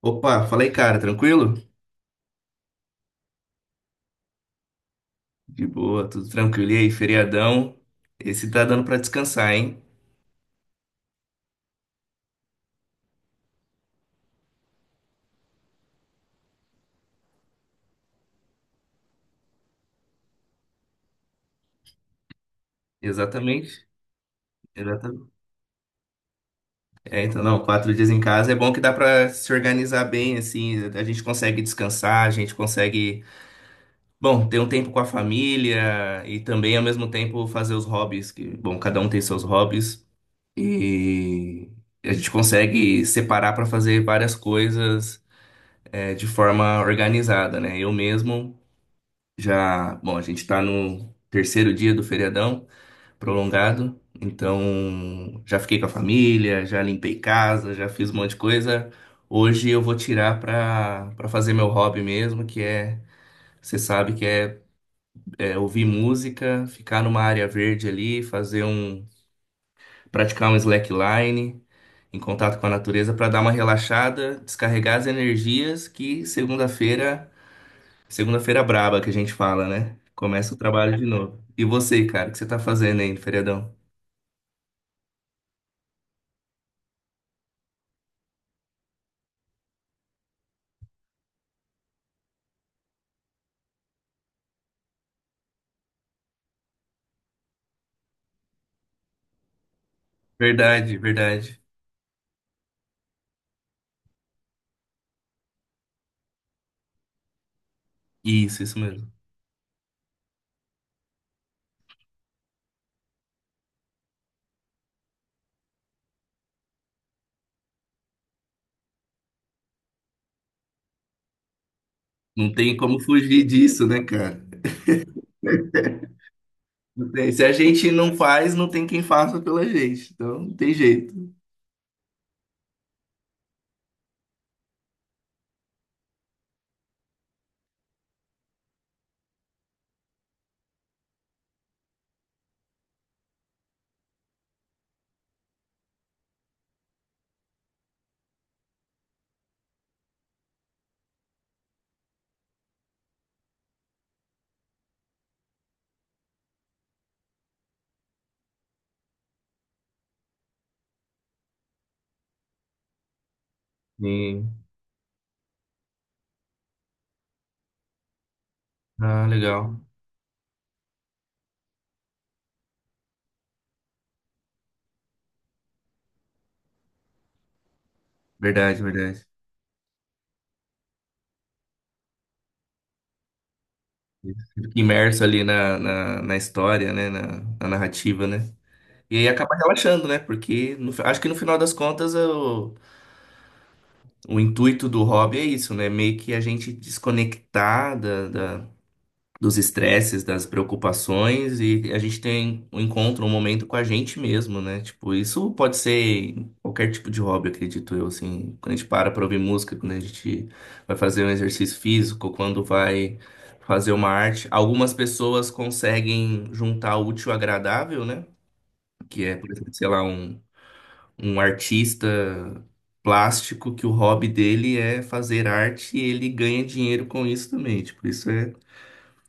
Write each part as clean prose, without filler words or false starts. Opa, fala aí, cara, tranquilo? De boa, tudo tranquilo. E aí, feriadão? Esse tá dando pra descansar, hein? Exatamente. Exatamente. É, então, não, 4 dias em casa é bom que dá pra se organizar bem, assim, a gente consegue descansar, a gente consegue, bom, ter um tempo com a família e também, ao mesmo tempo, fazer os hobbies, que, bom, cada um tem seus hobbies e a gente consegue separar pra fazer várias coisas, de forma organizada, né? Eu mesmo. Já, bom, a gente está no terceiro dia do feriadão prolongado, então já fiquei com a família, já limpei casa, já fiz um monte de coisa. Hoje eu vou tirar para fazer meu hobby mesmo, que é, você sabe que é, é ouvir música, ficar numa área verde ali, fazer um, praticar um slackline em contato com a natureza para dar uma relaxada, descarregar as energias que Segunda-feira braba que a gente fala, né? Começa o trabalho de novo. E você, cara, o que você tá fazendo aí no feriadão? Verdade, verdade. Isso mesmo. Não tem como fugir disso, né, cara? Não tem. Se a gente não faz, não tem quem faça pela gente. Então, não tem jeito. Sim. Ah, legal. Verdade, verdade. Fica imerso ali na história, né? Na, na narrativa, né? E aí acaba relaxando, né? Porque no acho que no final das contas, o intuito do hobby é isso, né? Meio que a gente desconectar da, dos estresses, das preocupações e a gente tem um encontro, um momento com a gente mesmo, né? Tipo, isso pode ser em qualquer tipo de hobby, acredito eu, assim. Quando a gente para pra ouvir música, quando a gente vai fazer um exercício físico, quando vai fazer uma arte. Algumas pessoas conseguem juntar o útil ao agradável, né? Que é, por exemplo, sei lá, um artista plástico que o hobby dele é fazer arte e ele ganha dinheiro com isso também. Tipo, isso é,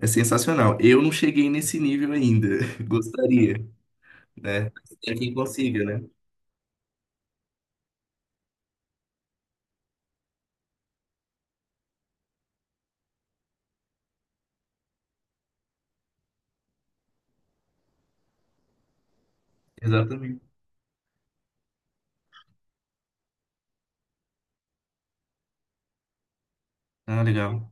é sensacional. Eu não cheguei nesse nível ainda. Gostaria, né? Tem quem consiga, né? Exatamente. Ah, legal.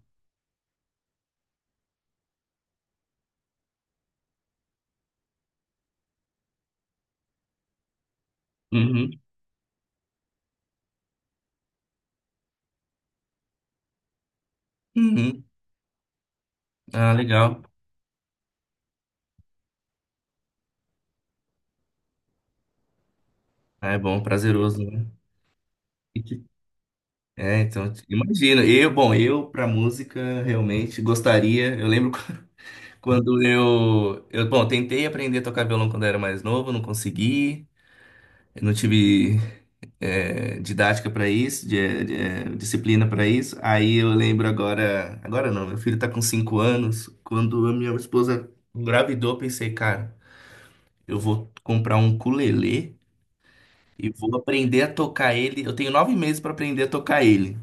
Uhum. Uhum. Ah, legal. Ah, é bom, prazeroso, né? E que- É, então, imagina. Eu, bom, eu pra música realmente gostaria. Eu lembro quando bom, tentei aprender a tocar violão quando eu era mais novo, não consegui. Eu não tive didática para isso, disciplina para isso. Aí eu lembro agora, agora não, meu filho tá com 5 anos. Quando a minha esposa engravidou, eu pensei, cara, eu vou comprar um ukulele e vou aprender a tocar ele. Eu tenho 9 meses para aprender a tocar ele.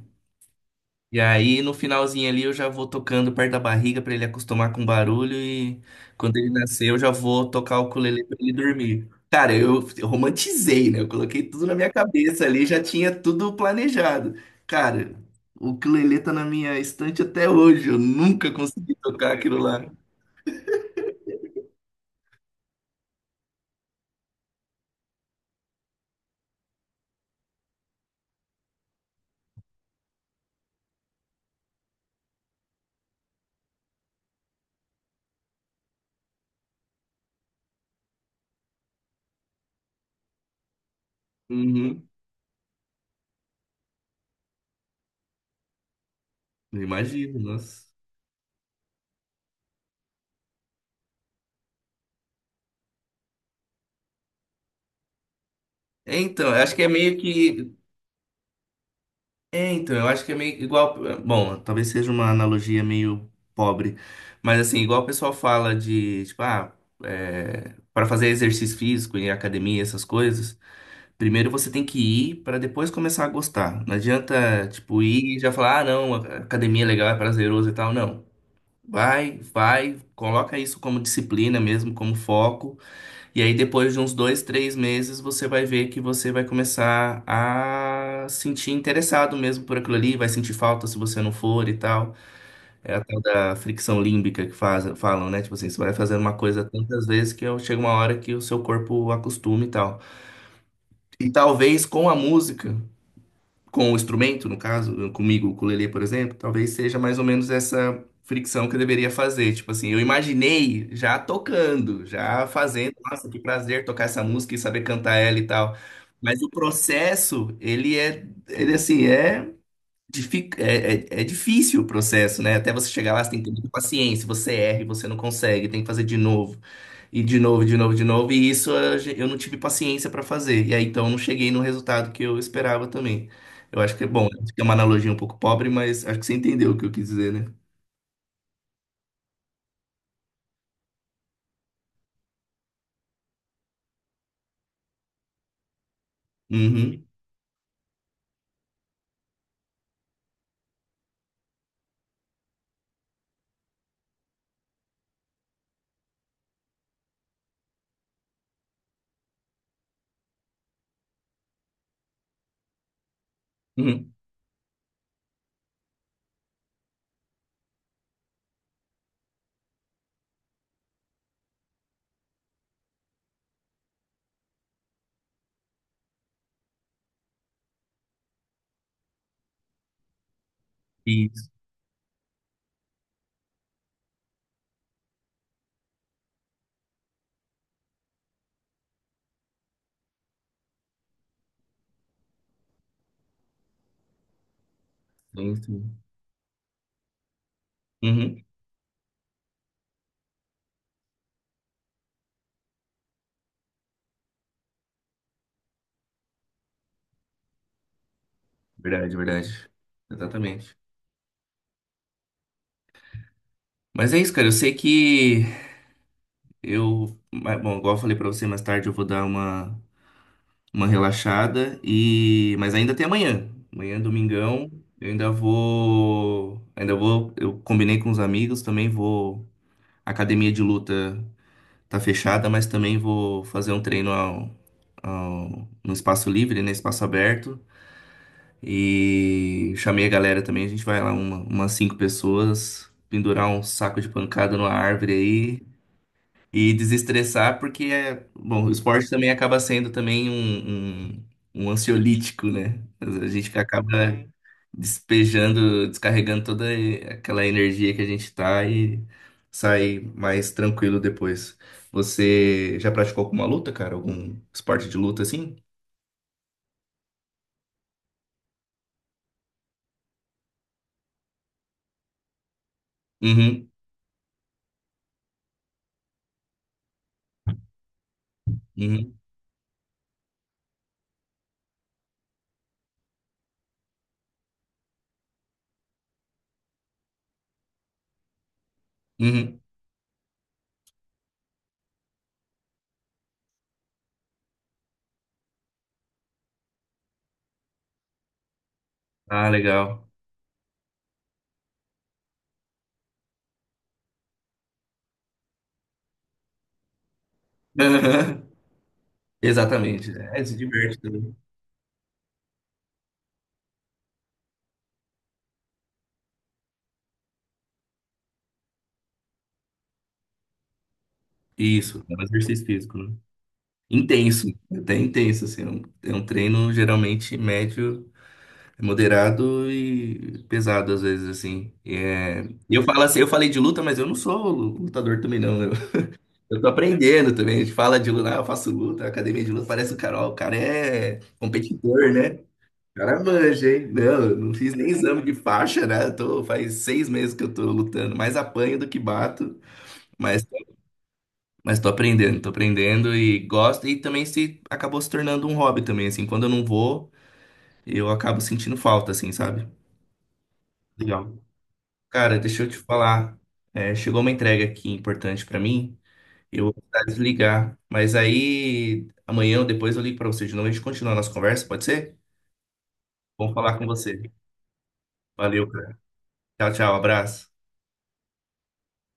E aí, no finalzinho ali, eu já vou tocando perto da barriga pra ele acostumar com o barulho. E quando ele nascer, eu já vou tocar o ukulele pra ele dormir. Cara, eu romantizei, né? Eu coloquei tudo na minha cabeça ali, já tinha tudo planejado. Cara, o ukulele tá na minha estante até hoje. Eu nunca consegui tocar aquilo lá. Uhum. Eu imagino, nossa. É, então, eu acho que é meio que. É, então, eu acho que é meio igual. Bom, talvez seja uma analogia meio pobre, mas assim, igual o pessoal fala de, tipo, ah, é, para fazer exercício físico em academia, essas coisas, primeiro você tem que ir para depois começar a gostar. Não adianta, tipo, ir e já falar, ah, não, a academia é legal, é prazeroso e tal. Não. Vai, vai, coloca isso como disciplina mesmo, como foco. E aí, depois de uns dois, 3 meses, você vai ver que você vai começar a sentir interessado mesmo por aquilo ali, vai sentir falta se você não for e tal. É a tal da fricção límbica que faz, falam, né? Tipo assim, você vai fazendo uma coisa tantas vezes chega uma hora que o seu corpo acostuma e tal. E talvez com a música com o instrumento, no caso, comigo, o ukulele, por exemplo, talvez seja mais ou menos essa fricção que eu deveria fazer. Tipo assim, eu imaginei já tocando, já fazendo, nossa, que prazer tocar essa música e saber cantar ela e tal. Mas o processo, ele é, ele assim, é, difi- é, é- é difícil o processo, né? Até você chegar lá, você tem que ter muita paciência, você erra e você não consegue, tem que fazer de novo. E de novo, de novo, de novo. E eu não tive paciência para fazer. E aí então eu não cheguei no resultado que eu esperava também. Eu acho que é bom, é uma analogia um pouco pobre, mas acho que você entendeu o que eu quis dizer, né? Uhum, uhum. Isso, sim, sim. Uhum. Verdade, verdade. Exatamente. Mas é isso, cara. Eu sei que eu. Mas, Bom, igual eu falei pra você mais tarde, eu vou dar uma relaxada e mas ainda tem amanhã. Amanhã, é domingão, eu ainda vou, eu combinei com os amigos, também vou. A academia de luta tá fechada, mas também vou fazer um treino no espaço livre, né, espaço aberto. E chamei a galera também, a gente vai lá umas 5 pessoas, pendurar um saco de pancada numa árvore aí e desestressar, porque é, bom, o esporte também acaba sendo também um um ansiolítico, né? A gente acaba despejando, descarregando toda aquela energia que a gente tá e sai mais tranquilo depois. Você já praticou alguma luta, cara? Algum esporte de luta assim? Uhum, uhum, uhum. Ah, legal. Exatamente. É, se diverte também. Isso, é um exercício físico, né? Intenso, até intenso, assim. É um treino geralmente médio, moderado e pesado, às vezes, assim. E eu falo assim, eu falei de luta, mas eu não sou lutador também, não. Eu tô aprendendo também. A gente fala de luta, ah, eu faço luta, academia de luta, parece o cara, ó, o cara é competidor, né? O cara manja, hein? Não, eu não fiz nem exame de faixa, né? Faz 6 meses que eu tô lutando, mais apanho do que bato. Mas tô aprendendo e gosto. E também se acabou se tornando um hobby também, assim. Quando eu não vou, eu acabo sentindo falta, assim, sabe? Legal. Cara, deixa eu te falar. É, chegou uma entrega aqui importante pra mim. Eu vou precisar desligar. Mas aí, amanhã ou depois eu ligo pra você de novo. A gente continua a nossa conversa, pode ser? Vamos falar com você. Valeu, cara. Tchau, tchau. Abraço.